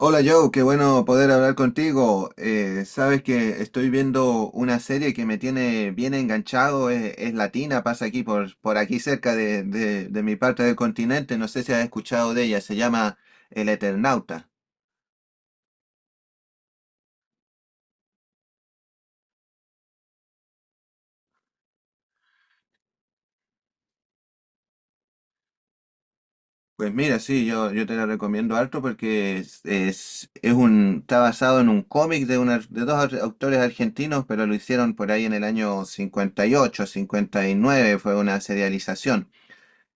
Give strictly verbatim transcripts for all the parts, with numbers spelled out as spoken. Hola Joe, qué bueno poder hablar contigo. Eh, sabes que estoy viendo una serie que me tiene bien enganchado, es, es latina, pasa aquí por, por aquí cerca de, de- de mi parte del continente, no sé si has escuchado de ella, se llama El Eternauta. Pues mira, sí, yo, yo te la recomiendo harto porque es, es, es un, está basado en un cómic de, una, de dos ar- autores argentinos, pero lo hicieron por ahí en el año cincuenta y ocho, cincuenta y nueve, fue una serialización.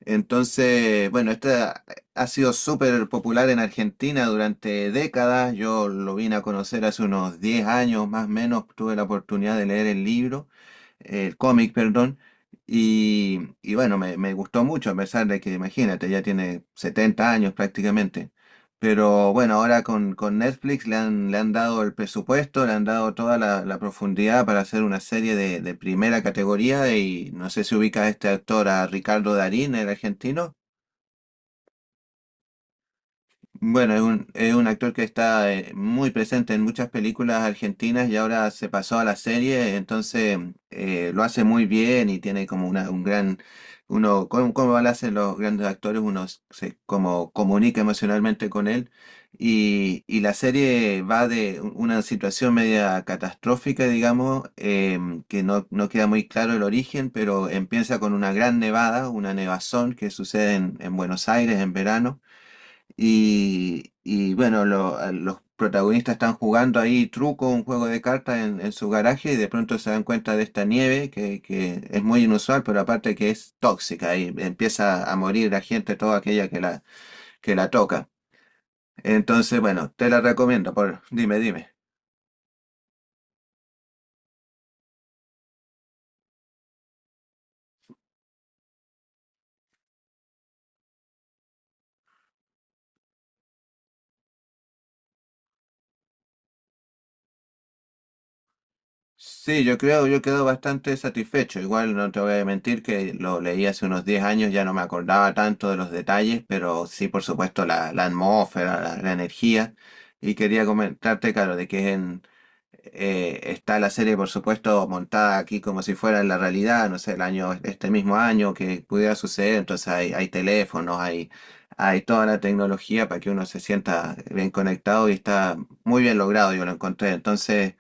Entonces, bueno, esta ha sido súper popular en Argentina durante décadas. Yo lo vine a conocer hace unos diez años más o menos. Tuve la oportunidad de leer el libro, el cómic, perdón. Y, y bueno, me, me gustó mucho, a pesar de que, imagínate, ya tiene setenta años prácticamente. Pero bueno, ahora con, con Netflix le han, le han dado el presupuesto, le han dado toda la, la profundidad para hacer una serie de, de primera categoría y no sé si ubicas a este actor, a Ricardo Darín, el argentino. Bueno, es un, es un actor que está eh, muy presente en muchas películas argentinas y ahora se pasó a la serie, entonces eh, lo hace muy bien y tiene como una, un gran, uno, como, como lo hacen los grandes actores, uno se como comunica emocionalmente con él y, y la serie va de u- una situación media catastrófica, digamos, em, que no, no queda muy claro el origen, pero empieza con una gran nevada, una nevazón que sucede en en Buenos Aires en verano. Y, y bueno, lo- a los protagonistas están jugando ahí truco, un juego de cartas en, en su garaje y de pronto se dan cuenta de esta nieve que, que es muy inusual, pero aparte que es tóxica y empieza a morir la gente, toda aquella que la, que la toca. Entonces, bueno, te la recomiendo, por, dime, dime. Sí, yo creo, yo quedo bastante satisfecho. Igual no te voy a mentir que lo leí hace unos diez años, ya no me acordaba tanto de los detalles, pero sí, por supuesto, la, la atmósfera, la, la energía. Y quería comentarte, claro, de que es en, eh, está la serie, por supuesto, montada aquí como si fuera la realidad, no sé, el año, este mismo año que pudiera suceder, entonces hay, hay teléfonos, hay, hay toda la tecnología para que uno se sienta bien conectado y está muy bien logrado, yo lo encontré. Entonces,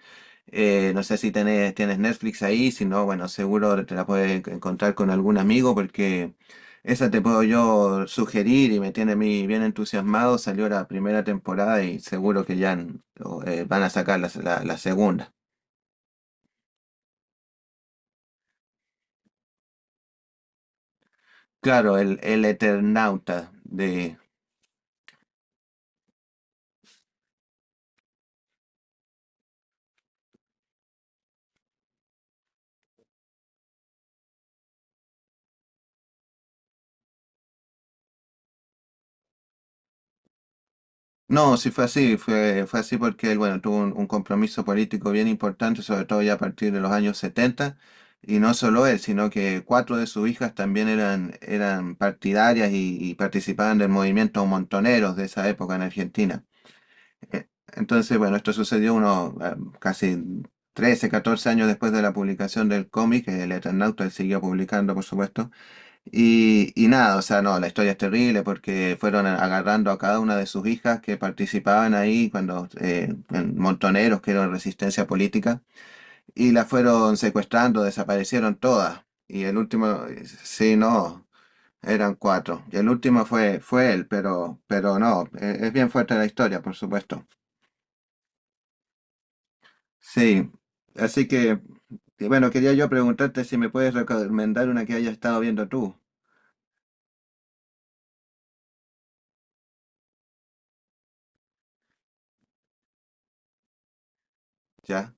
eh, no sé si tenés, tienes Netflix ahí, si no, bueno, seguro te la puedes encontrar con algún amigo porque... Esa te puedo yo sugerir y me tiene a mí bien entusiasmado. Salió la primera temporada y seguro que ya n- o, eh, van a sacar la, se- la- la segunda. Claro, el, el Eternauta de... No, sí fue así, fue, fue así porque él, bueno, tuvo un, un compromiso político bien importante, sobre todo ya a partir de los años setenta. Y no solo él, sino que cuatro de sus hijas también eran, eran partidarias y, y participaban del movimiento montoneros de esa época en Argentina. Eh, Entonces, bueno, esto sucedió unos eh, casi trece catorce años después de la publicación del cómic. eh, El Eternauta él siguió publicando, por supuesto. Y, y nada, o sea, no, la historia es terrible porque fueron a- agarrando a cada una de sus hijas que participaban ahí cuando eh, en montoneros, que eran resistencia política, y la fueron secuestrando, desaparecieron todas. Y el último, eh, sí, no. Eran cuatro. Y el último fue, fue él, pero, pero no, eh, es bien fuerte la historia, por supuesto. Sí, así que, que, bueno, quería yo preguntarte si me puedes recomendar una que hayas estado viendo tú. Ya,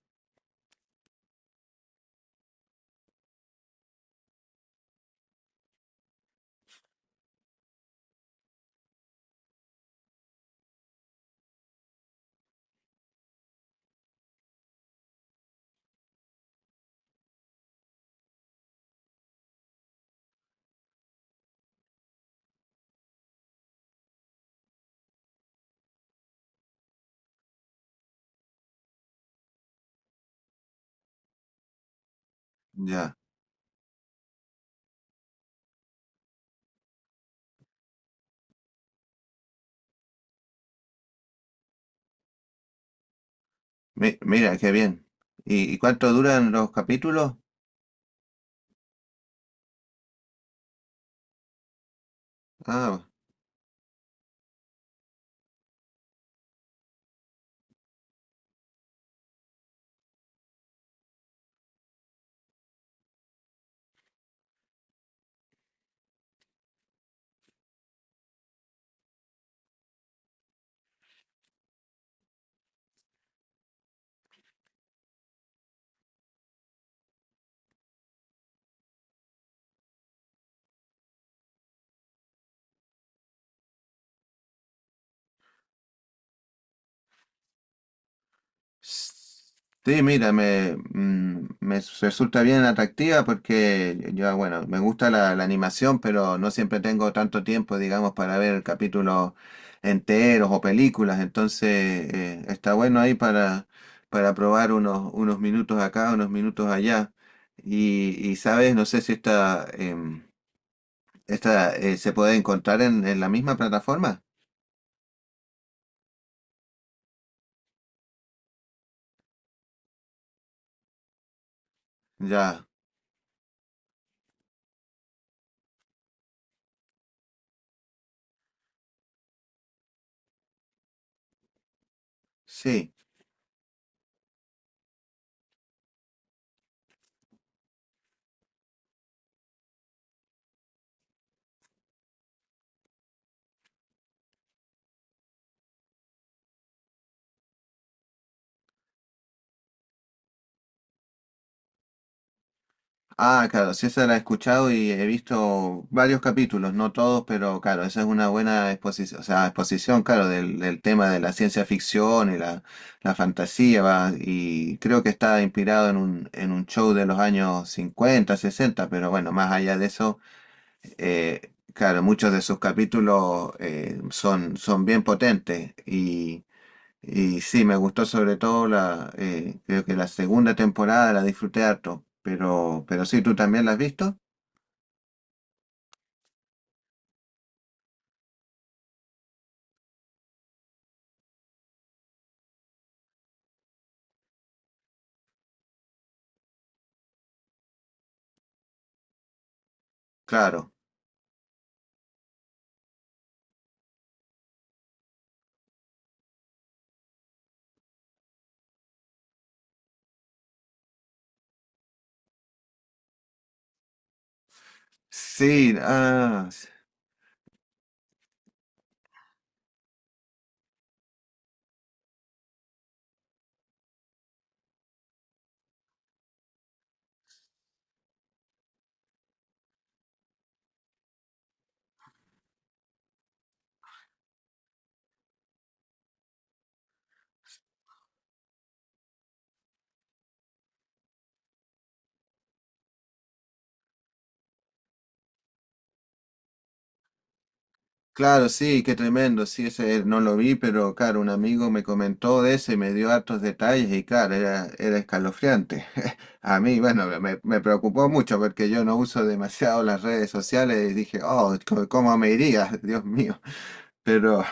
ya. Mi- mira, qué bien. ¿Y, y cuánto duran los capítulos? Ah, sí, mira, me, mm, me s- resulta bien atractiva porque yo, bueno, me gusta la, la animación, pero no siempre tengo tanto tiempo, digamos, para ver capítulos enteros o películas. Entonces, eh, está bueno ahí para, para probar unos, unos minutos acá, unos minutos allá. Y, y, sabes, no sé si esta, em, esta eh, se puede encontrar en, en la misma plataforma. Ya, sí. Ah, claro, sí, esa la he escuchado y he visto varios capítulos, no todos, pero claro, esa es una buena exposición, o sea, exposición, claro, del, del tema de la ciencia ficción y la, la fantasía, va, y creo que está inspirado en un, en un show de los años cincuenta, sesenta, pero bueno, más allá de eso, eh, claro, muchos de sus capítulos eh, son, son bien potentes y... Y sí, me gustó sobre todo la, eh, creo que la segunda temporada la disfruté harto, pero, pero sí, ¿tú también la has visto? Claro. Sí, ah, s- claro, sí, qué tremendo, sí, ese eh, no lo vi, pero claro, un amigo me comentó de ese y me dio hartos detalles y claro, era, era escalofriante. A mí, bueno, me, me preocupó mucho porque yo no uso demasiado las redes sociales y dije, oh, c- ¿cómo me iría? Dios mío, pero...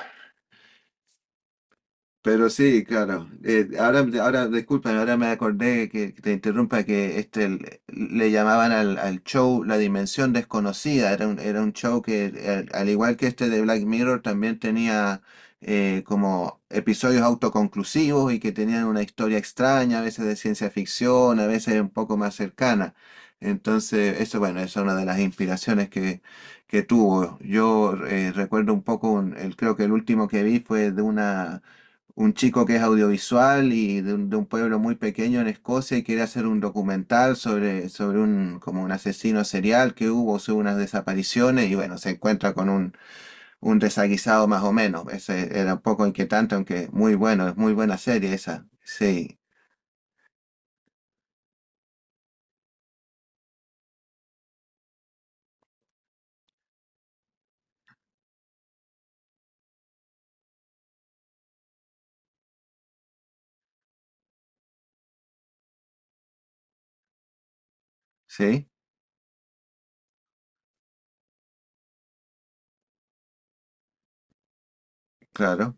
Pero sí, claro. Eh, ahora, ahora, disculpen, ahora me acordé que, que te interrumpa que este le, le llamaban al, al show La Dimensión Desconocida. Era un, era un show que, eh, al, igual que este de Black Mirror, también tenía eh, como episodios autoconclusivos y que tenían una historia extraña, a veces de ciencia ficción, a veces un poco más cercana. Entonces, eso, bueno, esa es una de las inspiraciones que, que tuvo. Yo eh, recuerdo un poco, un- el, creo que el último que vi fue de una un chico que es audiovisual y de un, de un pueblo muy pequeño en Escocia y quiere hacer un documental sobre, sobre un, como un asesino serial que hubo, sobre unas desapariciones y bueno, se encuentra con un, un desaguisado más o menos. Ese era un poco inquietante, aunque muy bueno, es muy buena serie esa. Sí, sí, claro.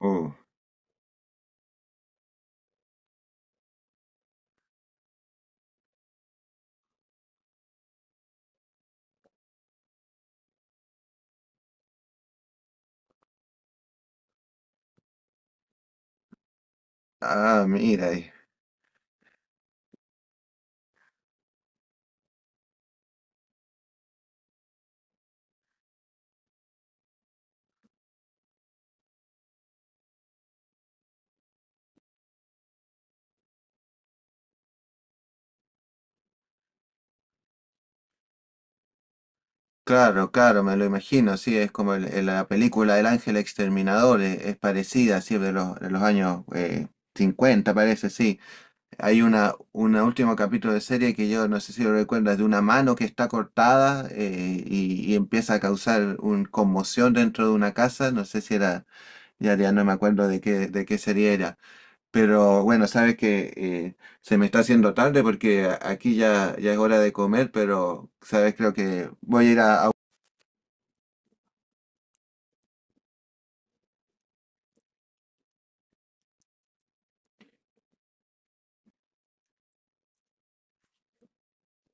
Uh, ah, mira, y- claro, claro, me lo imagino, sí, es como el- el- la película El Ángel Exterminador, e- es, parecida, sí, de los, de los años eh, cincuenta, parece, sí. Hay una, una último capítulo de serie que yo no sé si lo recuerdas, de una mano que está cortada eh, y, y empieza a causar una conmoción dentro de una casa. No sé si era, ya, ya no me acuerdo de qué, de qué serie era. Pero bueno, sabes que eh, se me está haciendo tarde porque a- aquí ya, ya es hora de comer, pero sabes, creo que voy a ir a a